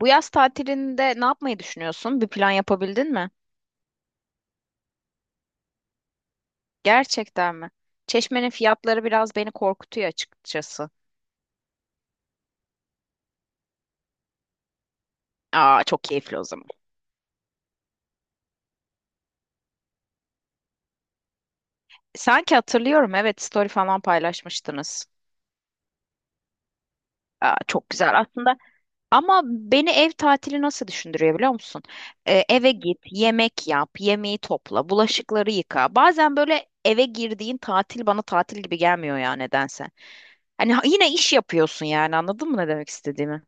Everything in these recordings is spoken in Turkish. Bu yaz tatilinde ne yapmayı düşünüyorsun? Bir plan yapabildin mi? Gerçekten mi? Çeşme'nin fiyatları biraz beni korkutuyor açıkçası. Aa, çok keyifli o zaman. Sanki hatırlıyorum, evet, story falan paylaşmıştınız. Aa, çok güzel aslında. Ama beni ev tatili nasıl düşündürüyor biliyor musun? Eve git, yemek yap, yemeği topla, bulaşıkları yıka. Bazen böyle eve girdiğin tatil bana tatil gibi gelmiyor ya nedense. Hani yine iş yapıyorsun yani anladın mı ne demek istediğimi?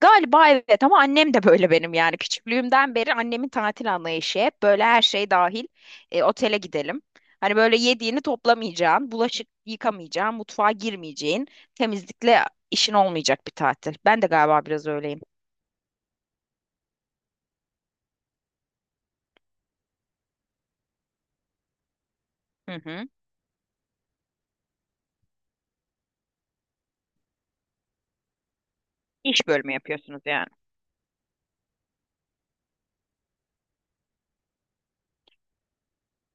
Galiba evet ama annem de böyle benim yani küçüklüğümden beri annemin tatil anlayışı hep böyle her şey dahil otele gidelim. Hani böyle yediğini toplamayacağın, bulaşık yıkamayacağın, mutfağa girmeyeceğin, temizlikle işin olmayacak bir tatil. Ben de galiba biraz öyleyim. Hı hı. İş bölümü yapıyorsunuz yani.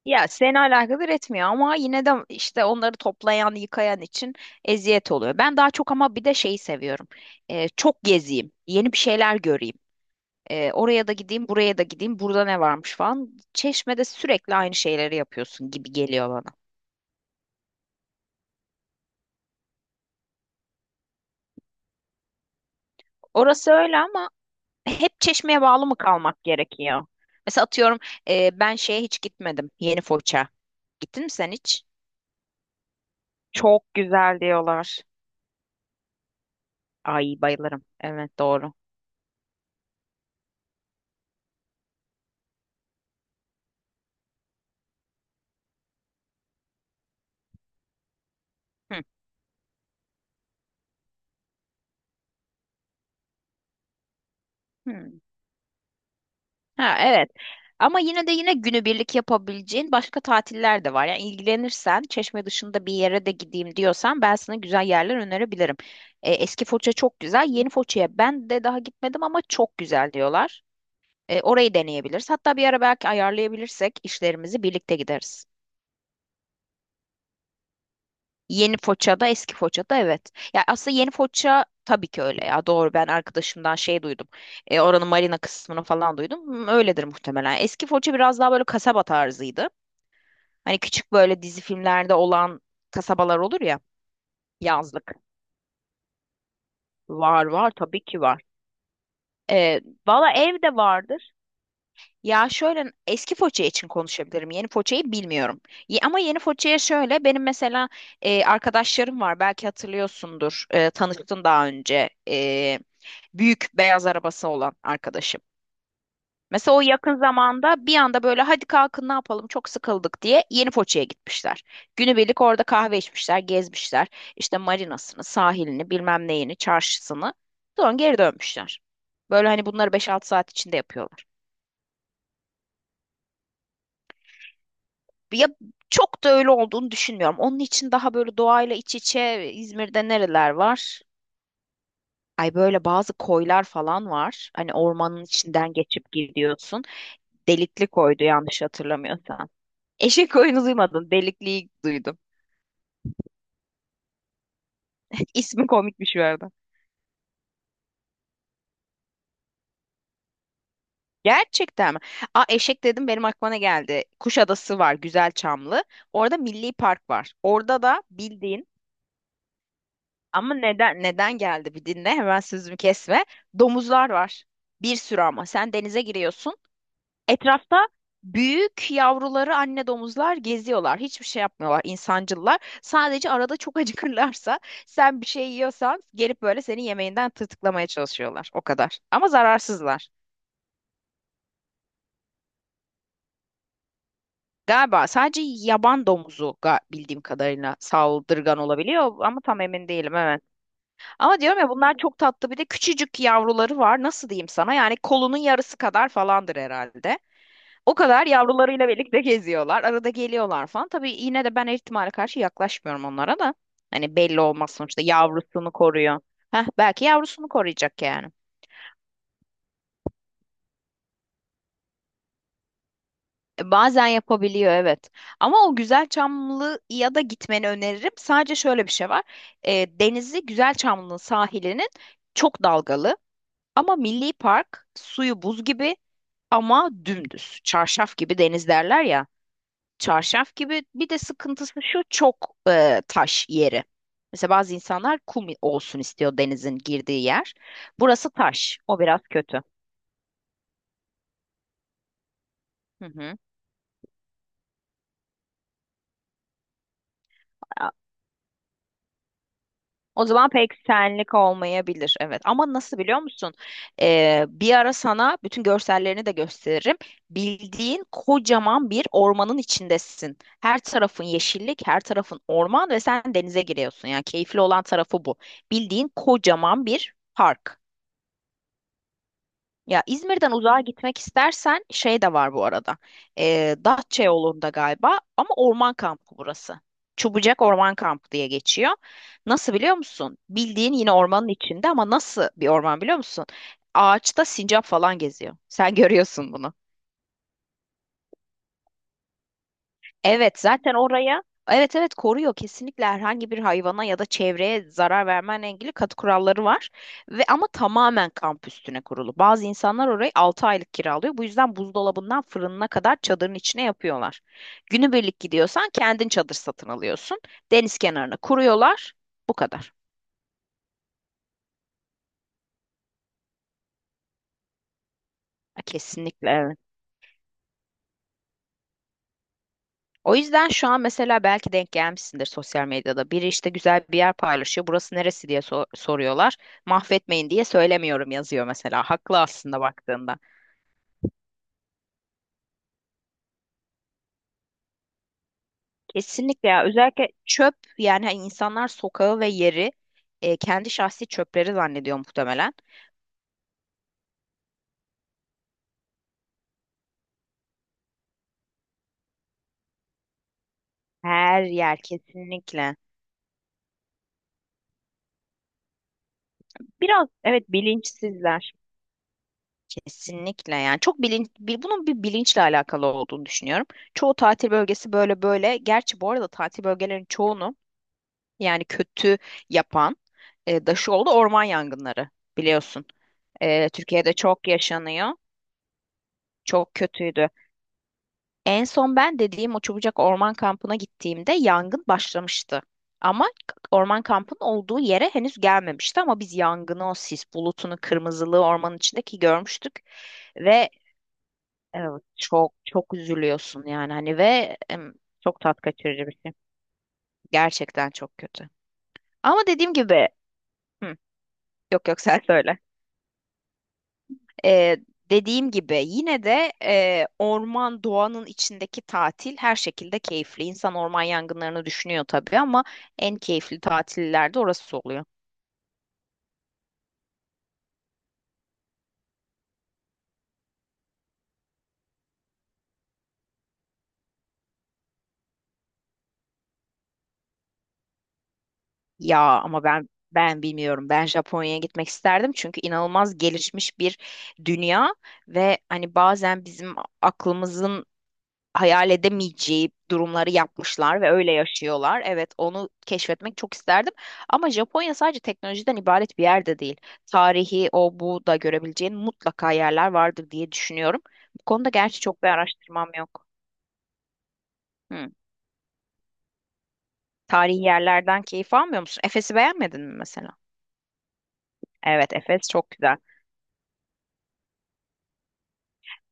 Ya seni alakadar etmiyor ama yine de işte onları toplayan, yıkayan için eziyet oluyor. Ben daha çok ama bir de şeyi seviyorum. Çok gezeyim, yeni bir şeyler göreyim. Oraya da gideyim, buraya da gideyim, burada ne varmış falan. Çeşme'de sürekli aynı şeyleri yapıyorsun gibi geliyor bana. Orası öyle ama hep Çeşme'ye bağlı mı kalmak gerekiyor? Mesela atıyorum, ben şeye hiç gitmedim. Yeni Foça. Gittin mi sen hiç? Çok güzel diyorlar. Ay, bayılırım. Evet, doğru. Hı. Hı. Ha, evet. Ama yine de yine günübirlik yapabileceğin başka tatiller de var. Yani ilgilenirsen, Çeşme dışında bir yere de gideyim diyorsan ben sana güzel yerler önerebilirim. Eski Foça çok güzel. Yeni Foça'ya ben de daha gitmedim ama çok güzel diyorlar. Orayı deneyebiliriz. Hatta bir ara belki ayarlayabilirsek işlerimizi birlikte gideriz. Yeni Foça'da, eski Foça'da evet. Ya aslında Yeni Foça tabii ki öyle ya. Doğru, ben arkadaşımdan şey duydum. Oranın marina kısmını falan duydum. Öyledir muhtemelen. Eski Foça biraz daha böyle kasaba tarzıydı. Hani küçük böyle dizi filmlerde olan kasabalar olur ya, yazlık. Var var tabii ki var. Ee, Valla ev de vardır. Ya şöyle eski Foça için konuşabilirim. Yeni Foça'yı bilmiyorum. Ama yeni Foça'ya şöyle benim mesela arkadaşlarım var. Belki hatırlıyorsundur. Tanıştın daha önce. Büyük beyaz arabası olan arkadaşım. Mesela o yakın zamanda bir anda böyle hadi kalkın ne yapalım çok sıkıldık diye yeni Foça'ya gitmişler. Günübirlik orada kahve içmişler, gezmişler. İşte marinasını, sahilini, bilmem neyini, çarşısını. Sonra geri dönmüşler. Böyle hani bunları 5 6 saat içinde yapıyorlar. Ya çok da öyle olduğunu düşünmüyorum. Onun için daha böyle doğayla iç içe İzmir'de nereler var? Ay böyle bazı koylar falan var. Hani ormanın içinden geçip gidiyorsun. Delikli koydu yanlış hatırlamıyorsam. Eşek oyunu duymadın, delikliyi duydum. İsmi komikmiş bir arada. Gerçekten mi? Aa, eşek dedim benim aklıma ne geldi? Kuşadası var. Güzelçamlı. Orada Milli Park var. Orada da bildiğin ama neden neden geldi, bir dinle. Hemen sözümü kesme. Domuzlar var. Bir sürü ama. Sen denize giriyorsun. Etrafta büyük yavruları anne domuzlar geziyorlar. Hiçbir şey yapmıyorlar, insancıllar. Sadece arada çok acıkırlarsa sen bir şey yiyorsan gelip böyle senin yemeğinden tırtıklamaya çalışıyorlar. O kadar. Ama zararsızlar. Galiba sadece yaban domuzu bildiğim kadarıyla saldırgan olabiliyor ama tam emin değilim, evet. Ama diyorum ya bunlar çok tatlı, bir de küçücük yavruları var. Nasıl diyeyim sana? Yani kolunun yarısı kadar falandır herhalde. O kadar yavrularıyla birlikte geziyorlar. Arada geliyorlar falan. Tabii yine de ben her ihtimale karşı yaklaşmıyorum onlara da. Hani belli olmaz, sonuçta yavrusunu koruyor. Heh, belki yavrusunu koruyacak yani. Bazen yapabiliyor, evet. Ama o güzel çamlı ya da gitmeni öneririm. Sadece şöyle bir şey var. Denizi güzel Çamlı'nın sahilinin çok dalgalı. Ama Milli Park suyu buz gibi ama dümdüz. Çarşaf gibi deniz derler ya. Çarşaf gibi. Bir de sıkıntısı şu, çok taş yeri. Mesela bazı insanlar kum olsun istiyor denizin girdiği yer. Burası taş. O biraz kötü. Hı hı. A- O zaman pek senlik olmayabilir. Evet. Ama nasıl biliyor musun? Bir ara sana bütün görsellerini de gösteririm. Bildiğin kocaman bir ormanın içindesin. Her tarafın yeşillik, her tarafın orman ve sen denize giriyorsun. Yani keyifli olan tarafı bu. Bildiğin kocaman bir park. Ya İzmir'den uzağa gitmek istersen şey de var bu arada. Datça yolunda galiba ama orman kampı burası. Çubucak Orman Kampı diye geçiyor. Nasıl biliyor musun? Bildiğin yine ormanın içinde ama nasıl bir orman biliyor musun? Ağaçta sincap falan geziyor. Sen görüyorsun bunu. Evet, zaten oraya evet evet koruyor, kesinlikle. Herhangi bir hayvana ya da çevreye zarar vermenle ilgili katı kuralları var ve ama tamamen kamp üstüne kurulu. Bazı insanlar orayı 6 aylık kiralıyor. Bu yüzden buzdolabından fırınına kadar çadırın içine yapıyorlar. Günübirlik gidiyorsan kendin çadır satın alıyorsun. Deniz kenarına kuruyorlar. Bu kadar. Ha, kesinlikle evet. O yüzden şu an mesela belki denk gelmişsindir sosyal medyada. Biri işte güzel bir yer paylaşıyor. Burası neresi diye soruyorlar. Mahvetmeyin diye söylemiyorum yazıyor mesela. Haklı aslında baktığında. Kesinlikle ya. Özellikle çöp, yani hani insanlar sokağı ve yeri kendi şahsi çöpleri zannediyor muhtemelen. Her yer kesinlikle. Biraz evet, bilinçsizler. Kesinlikle, yani çok bunun bir bilinçle alakalı olduğunu düşünüyorum. Çoğu tatil bölgesi böyle böyle. Gerçi bu arada tatil bölgelerinin çoğunu yani kötü yapan da şu oldu, orman yangınları biliyorsun. Türkiye'de çok yaşanıyor. Çok kötüydü. En son ben dediğim o Çubucak Orman Kampı'na gittiğimde yangın başlamıştı. Ama orman kampının olduğu yere henüz gelmemişti ama biz yangını, o sis bulutunu, kırmızılığı ormanın içindeki görmüştük. Ve evet, çok çok üzülüyorsun yani hani ve çok tat kaçırıcı bir şey. Gerçekten çok kötü. Ama dediğim gibi. Hı, yok yok sen söyle. Ee, Dediğim gibi yine de orman doğanın içindeki tatil her şekilde keyifli. İnsan orman yangınlarını düşünüyor tabii ama en keyifli tatillerde orası oluyor. Ya ama ben bilmiyorum. Ben Japonya'ya gitmek isterdim çünkü inanılmaz gelişmiş bir dünya ve hani bazen bizim aklımızın hayal edemeyeceği durumları yapmışlar ve öyle yaşıyorlar. Evet, onu keşfetmek çok isterdim. Ama Japonya sadece teknolojiden ibaret bir yerde değil. Tarihi, o bu da görebileceğin mutlaka yerler vardır diye düşünüyorum. Bu konuda gerçi çok bir araştırmam yok. Hı. Tarihi yerlerden keyif almıyor musun? Efes'i beğenmedin mi mesela? Evet, Efes çok güzel.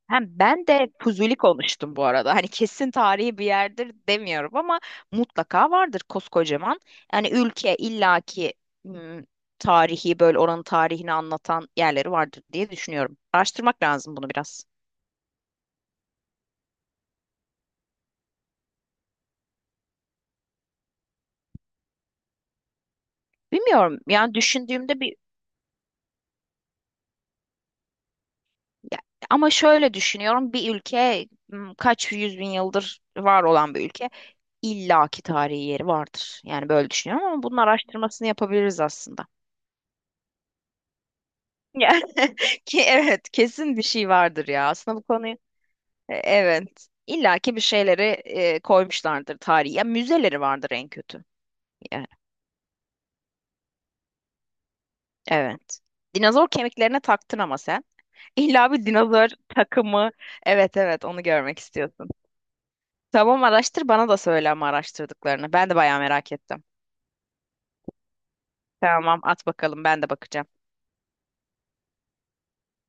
Hem ben de Fuzuli konuştum bu arada. Hani kesin tarihi bir yerdir demiyorum ama mutlaka vardır koskocaman. Yani ülke illaki ım, tarihi böyle oranın tarihini anlatan yerleri vardır diye düşünüyorum. Araştırmak lazım bunu biraz. Bilmiyorum yani düşündüğümde bir ya- ama şöyle düşünüyorum bir ülke kaç yüz bin yıldır var olan bir ülke illaki tarihi yeri vardır. Yani böyle düşünüyorum ama bunun araştırmasını yapabiliriz aslında. Ya, ki evet kesin bir şey vardır ya. Aslında bu konuyu, evet illa ki bir şeyleri koymuşlardır tarihi. Ya müzeleri vardır en kötü. Yani, evet. Dinozor kemiklerine taktın ama sen. İlla bir dinozor takımı. Evet evet onu görmek istiyorsun. Tamam, araştır bana da söyle ama araştırdıklarını. Ben de bayağı merak ettim. Tamam, at bakalım, ben de bakacağım.